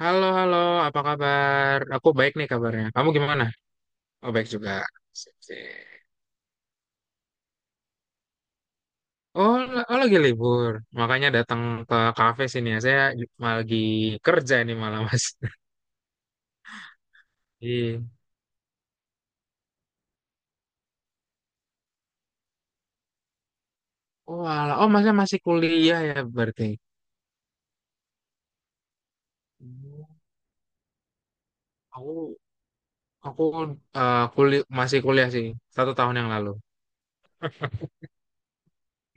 Halo, halo, apa kabar? Aku baik nih kabarnya. Kamu gimana? Oh, baik juga. Sip, sip. Oh, lagi libur. Makanya datang ke kafe sini ya. Malah lagi kerja ini malah, Mas. Iya. Oh, alah. Oh, masnya masih kuliah ya berarti? Hmm. Aku aku Kuliah masih kuliah sih. Satu tahun yang lalu.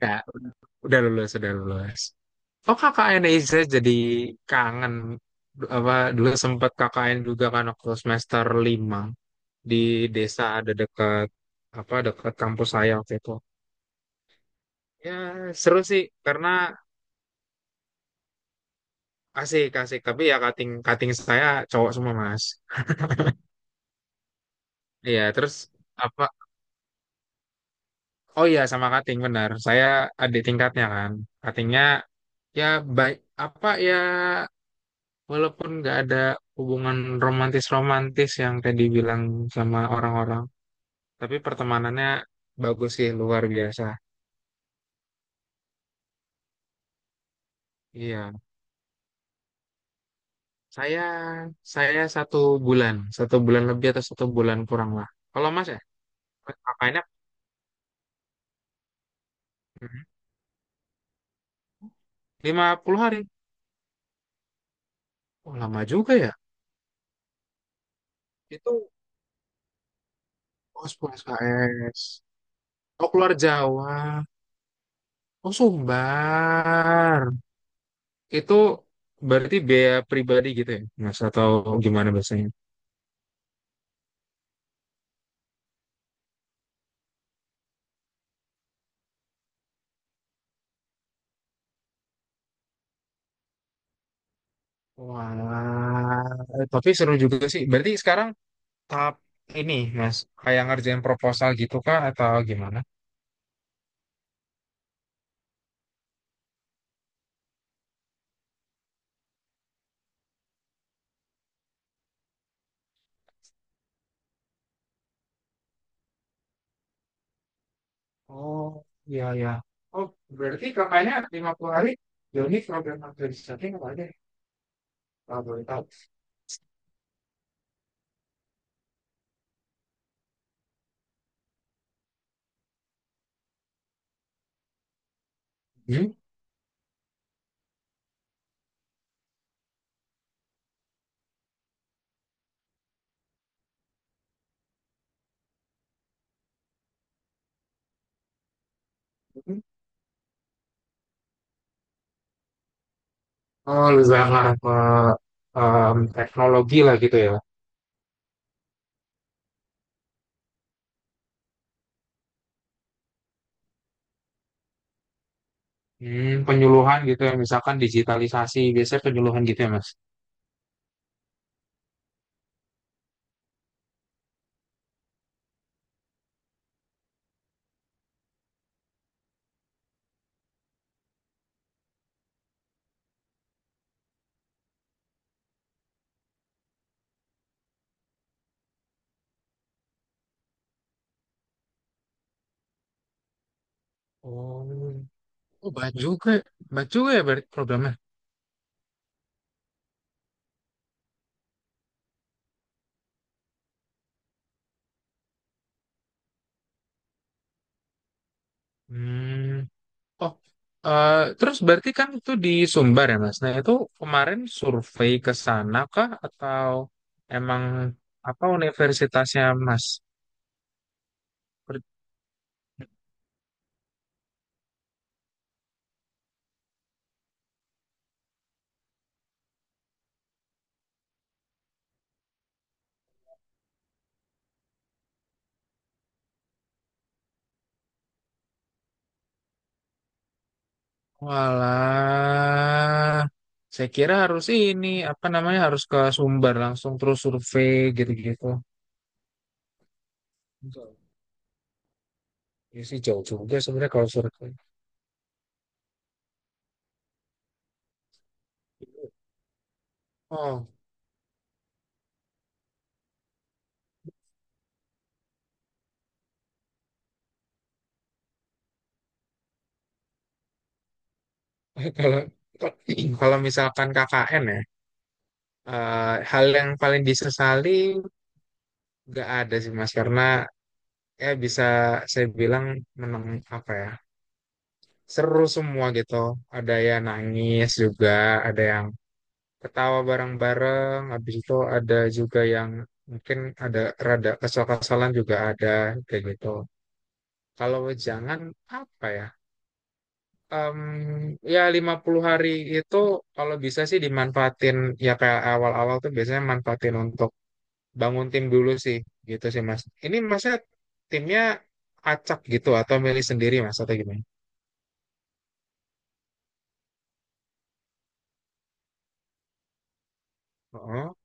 Ya, udah lulus, udah lulus. Oh, KKN ya, saya jadi kangen. Apa, dulu sempat KKN juga kan waktu semester 5 di desa ada dekat apa dekat kampus saya waktu itu. Ya seru sih karena asik asik, tapi ya kating kating saya cowok semua, mas. Iya terus apa? Oh iya sama kating benar. Saya adik tingkatnya kan. Katingnya ya baik, apa ya, walaupun nggak ada hubungan romantis romantis yang tadi bilang sama orang-orang, tapi pertemanannya bagus sih luar biasa. Iya. Saya saya satu bulan lebih atau satu bulan kurang lah. Kalau Mas ya, Mas 50 hari. Oh, lama juga ya. Itu oh, 10 SKS. Oh, keluar Jawa. Oh, Sumbar. Itu berarti biaya pribadi gitu ya, Mas? Atau gimana biasanya? Wah, tapi seru juga sih. Berarti sekarang tahap ini, Mas, kayak ngerjain proposal gitu kah atau gimana? Oh, iya, iya. Oh, berarti kakaknya 50 hari Joni program organisasi apa aja? Kalau boleh tahu. Hmm? Hmm. Oh, lebih banget ke teknologi lah gitu ya. Hmm, penyuluhan gitu ya, misalkan digitalisasi, biasanya penyuluhan gitu ya, Mas. Oh, oh banyak juga ya berarti programnya. Hmm. Oh, eh, Terus berarti kan itu di Sumbar ya, Mas? Nah, itu kemarin survei ke sana kah atau emang apa universitasnya, Mas? Ber- Walah, saya kira harus ini apa namanya harus ke Sumbar langsung terus survei gitu-gitu. Enggak. Ya sih jauh juga sebenarnya kalau survei. Oh, kalau kalau misalkan KKN ya, hal yang paling disesali nggak ada sih Mas karena ya bisa saya bilang menang apa ya seru semua gitu, ada yang nangis juga, ada yang ketawa bareng-bareng, habis itu ada juga yang mungkin ada rada kesal-kesalan juga, ada kayak gitu. Kalau jangan apa ya, Em, ya 50 hari itu kalau bisa sih dimanfaatin, ya kayak awal-awal tuh biasanya manfaatin untuk bangun tim dulu sih. Gitu sih mas, ini masnya timnya acak gitu atau milih sendiri mas atau gimana? Oh,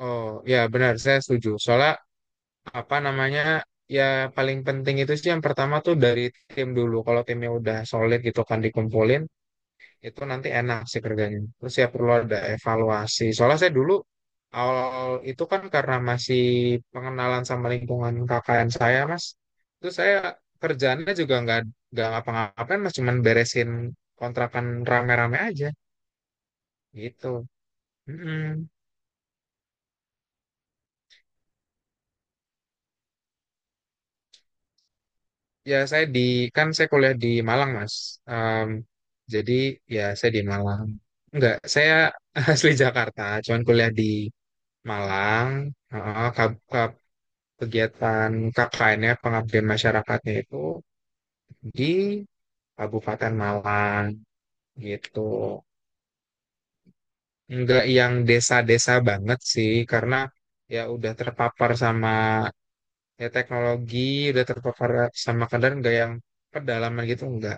oh ya benar saya setuju. Soalnya apa namanya, ya paling penting itu sih yang pertama tuh dari tim dulu. Kalau timnya udah solid gitu kan dikumpulin, itu nanti enak sih kerjanya. Terus ya perlu ada evaluasi. Soalnya saya dulu awal itu kan karena masih pengenalan sama lingkungan KKN saya mas. Itu saya kerjaannya juga nggak ngapa-ngapain mas cuman beresin kontrakan rame-rame aja gitu. Mm-mm. Ya, saya di kan saya kuliah di Malang, Mas. Em, jadi ya saya di Malang. Enggak, saya asli Jakarta, cuman kuliah di Malang. Heeh, kegiatan KKN-nya pengabdian masyarakatnya itu di Kabupaten Malang gitu. Enggak yang desa-desa banget sih, karena ya udah terpapar sama ya teknologi, udah terpapar sama kadar enggak yang pedalaman gitu enggak.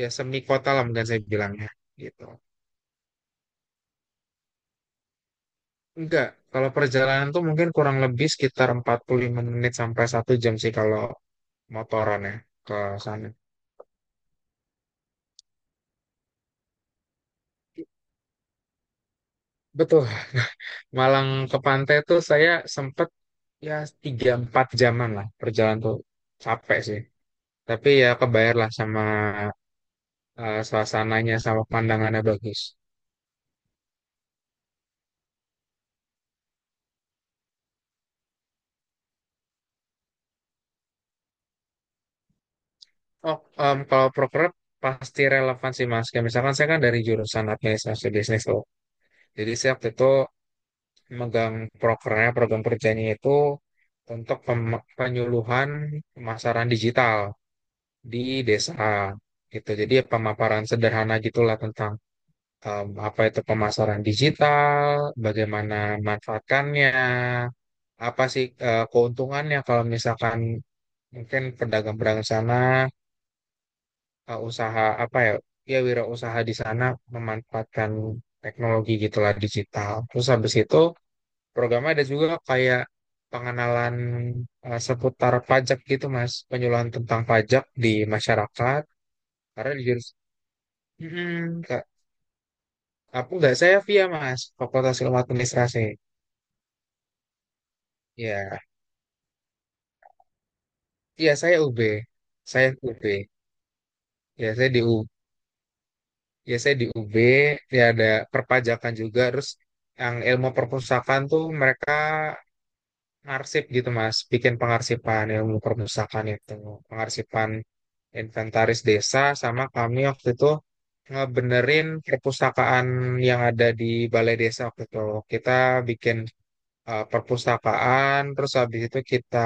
Ya semi kota lah mungkin saya bilangnya gitu. Enggak, kalau perjalanan tuh mungkin kurang lebih sekitar 45 menit sampai satu jam sih kalau motoran ya ke sana. Betul, Malang ke pantai tuh saya sempet ya tiga empat jaman lah perjalanan tuh capek sih. Tapi ya kebayar lah sama suasananya sama pandangannya bagus. Oh, kalau proker pasti relevan sih Mas. Kayak misalkan saya kan dari jurusan administrasi bisnis tuh. Jadi saya waktu itu megang prokernya, program kerjanya itu untuk penyuluhan pemasaran digital di desa gitu. Jadi pemaparan sederhana gitulah tentang apa itu pemasaran digital, bagaimana manfaatkannya, apa sih keuntungannya kalau misalkan mungkin pedagang-pedagang sana, usaha apa ya, ya wirausaha di sana memanfaatkan teknologi gitulah digital. Terus habis itu programnya ada juga kayak pengenalan seputar pajak gitu mas, penyuluhan tentang pajak di masyarakat karena di jurus Mm-mm, Kak. Aku nggak saya via mas Fakultas Ilmu Administrasi ya iya saya UB ya saya di UB ya ada perpajakan juga terus yang ilmu perpustakaan tuh mereka arsip gitu mas bikin pengarsipan ilmu perpustakaan itu pengarsipan inventaris desa sama kami waktu itu ngebenerin perpustakaan yang ada di balai desa waktu itu kita bikin perpustakaan terus habis itu kita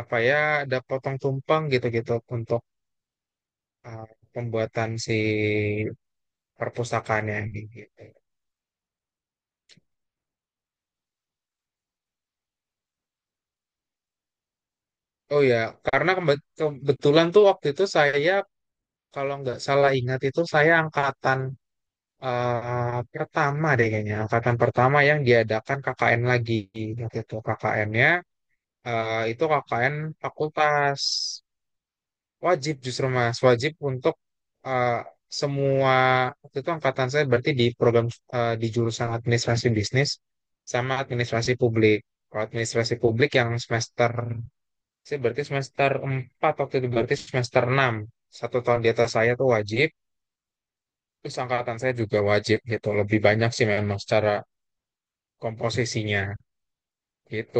apa ya ada potong tumpeng gitu-gitu untuk eh, pembuatan si perpustakaannya gitu. Oh ya, karena kebetulan tuh waktu itu saya kalau nggak salah ingat itu saya angkatan pertama deh kayaknya angkatan pertama yang diadakan KKN lagi waktu itu KKN-nya itu KKN fakultas wajib justru mas wajib untuk eh, semua waktu itu angkatan saya berarti di program di jurusan administrasi bisnis sama administrasi publik kalau administrasi publik yang semester saya berarti semester 4 waktu itu berarti semester 6 satu tahun di atas saya tuh wajib terus angkatan saya juga wajib gitu lebih banyak sih memang secara komposisinya gitu.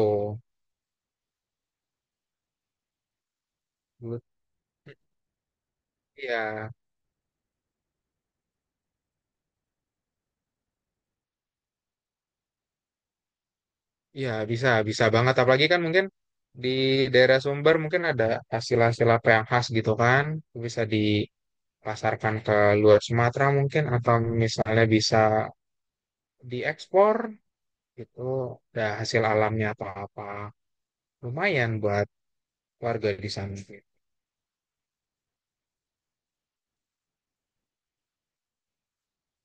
Iya, iya bisa, bisa banget. Apalagi kan mungkin di daerah Sumber mungkin ada hasil-hasil apa yang khas gitu kan, bisa dipasarkan ke luar Sumatera mungkin atau misalnya bisa diekspor gitu, ada hasil alamnya atau apa. Lumayan buat warga di sana.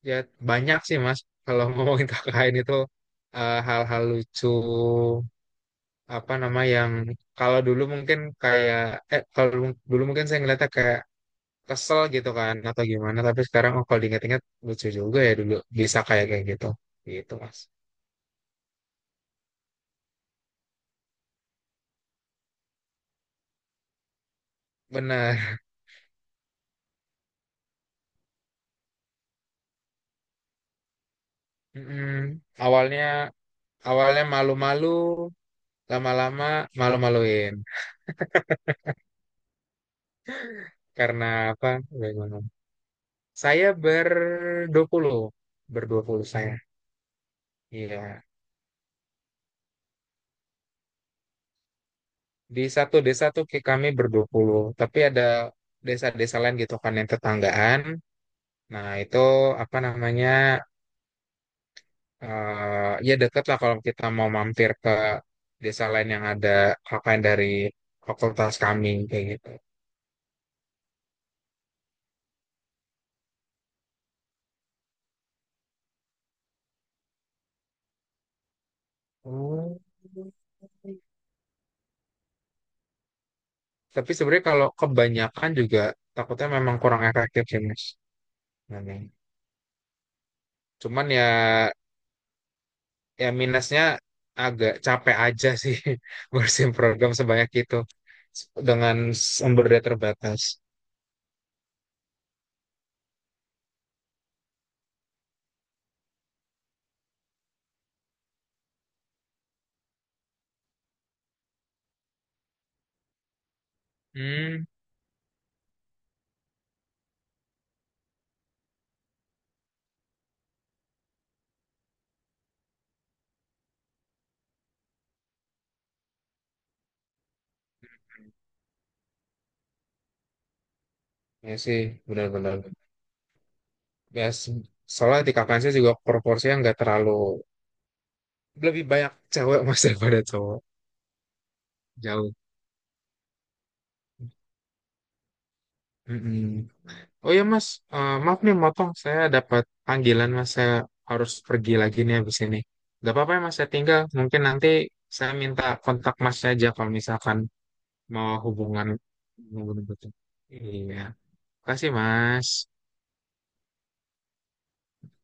Ya banyak sih Mas, kalau ngomongin KKN itu hal-hal lucu apa nama yang kalau dulu mungkin kayak kalau dulu dulu mungkin saya ngeliatnya kayak kesel gitu kan atau gimana tapi sekarang oh, kalau diingat-ingat lucu juga ya dulu bisa kayak kayak gitu gitu mas benar. Mm-mm. awalnya awalnya malu-malu lama-lama malu-maluin karena apa bagaimana saya berdua puluh saya iya di satu desa tuh kayak kami berdua puluh tapi ada desa-desa lain gitu kan yang tetanggaan. Nah, itu apa namanya? Eh ya deket lah kalau kita mau mampir ke desa lain yang ada KKN dari fakultas kami kayak gitu. Oh. Tapi sebenarnya kalau kebanyakan juga takutnya memang kurang efektif sih, Mas. Memang. Cuman ya ya minusnya agak capek aja sih ngurusin program sebanyak itu dengan sumber daya terbatas. Hmm, ya sih, benar-benar. Ya soalnya di KKN juga proporsinya nggak terlalu lebih banyak cewek mas daripada cowok jauh. Mm-mm. Oh ya mas, maaf nih motong saya dapat panggilan mas saya harus pergi lagi nih habis ini, nggak apa-apa ya mas saya tinggal mungkin nanti saya minta kontak masnya aja kalau misalkan mau hubungan hubungan gitu iya kasih mas.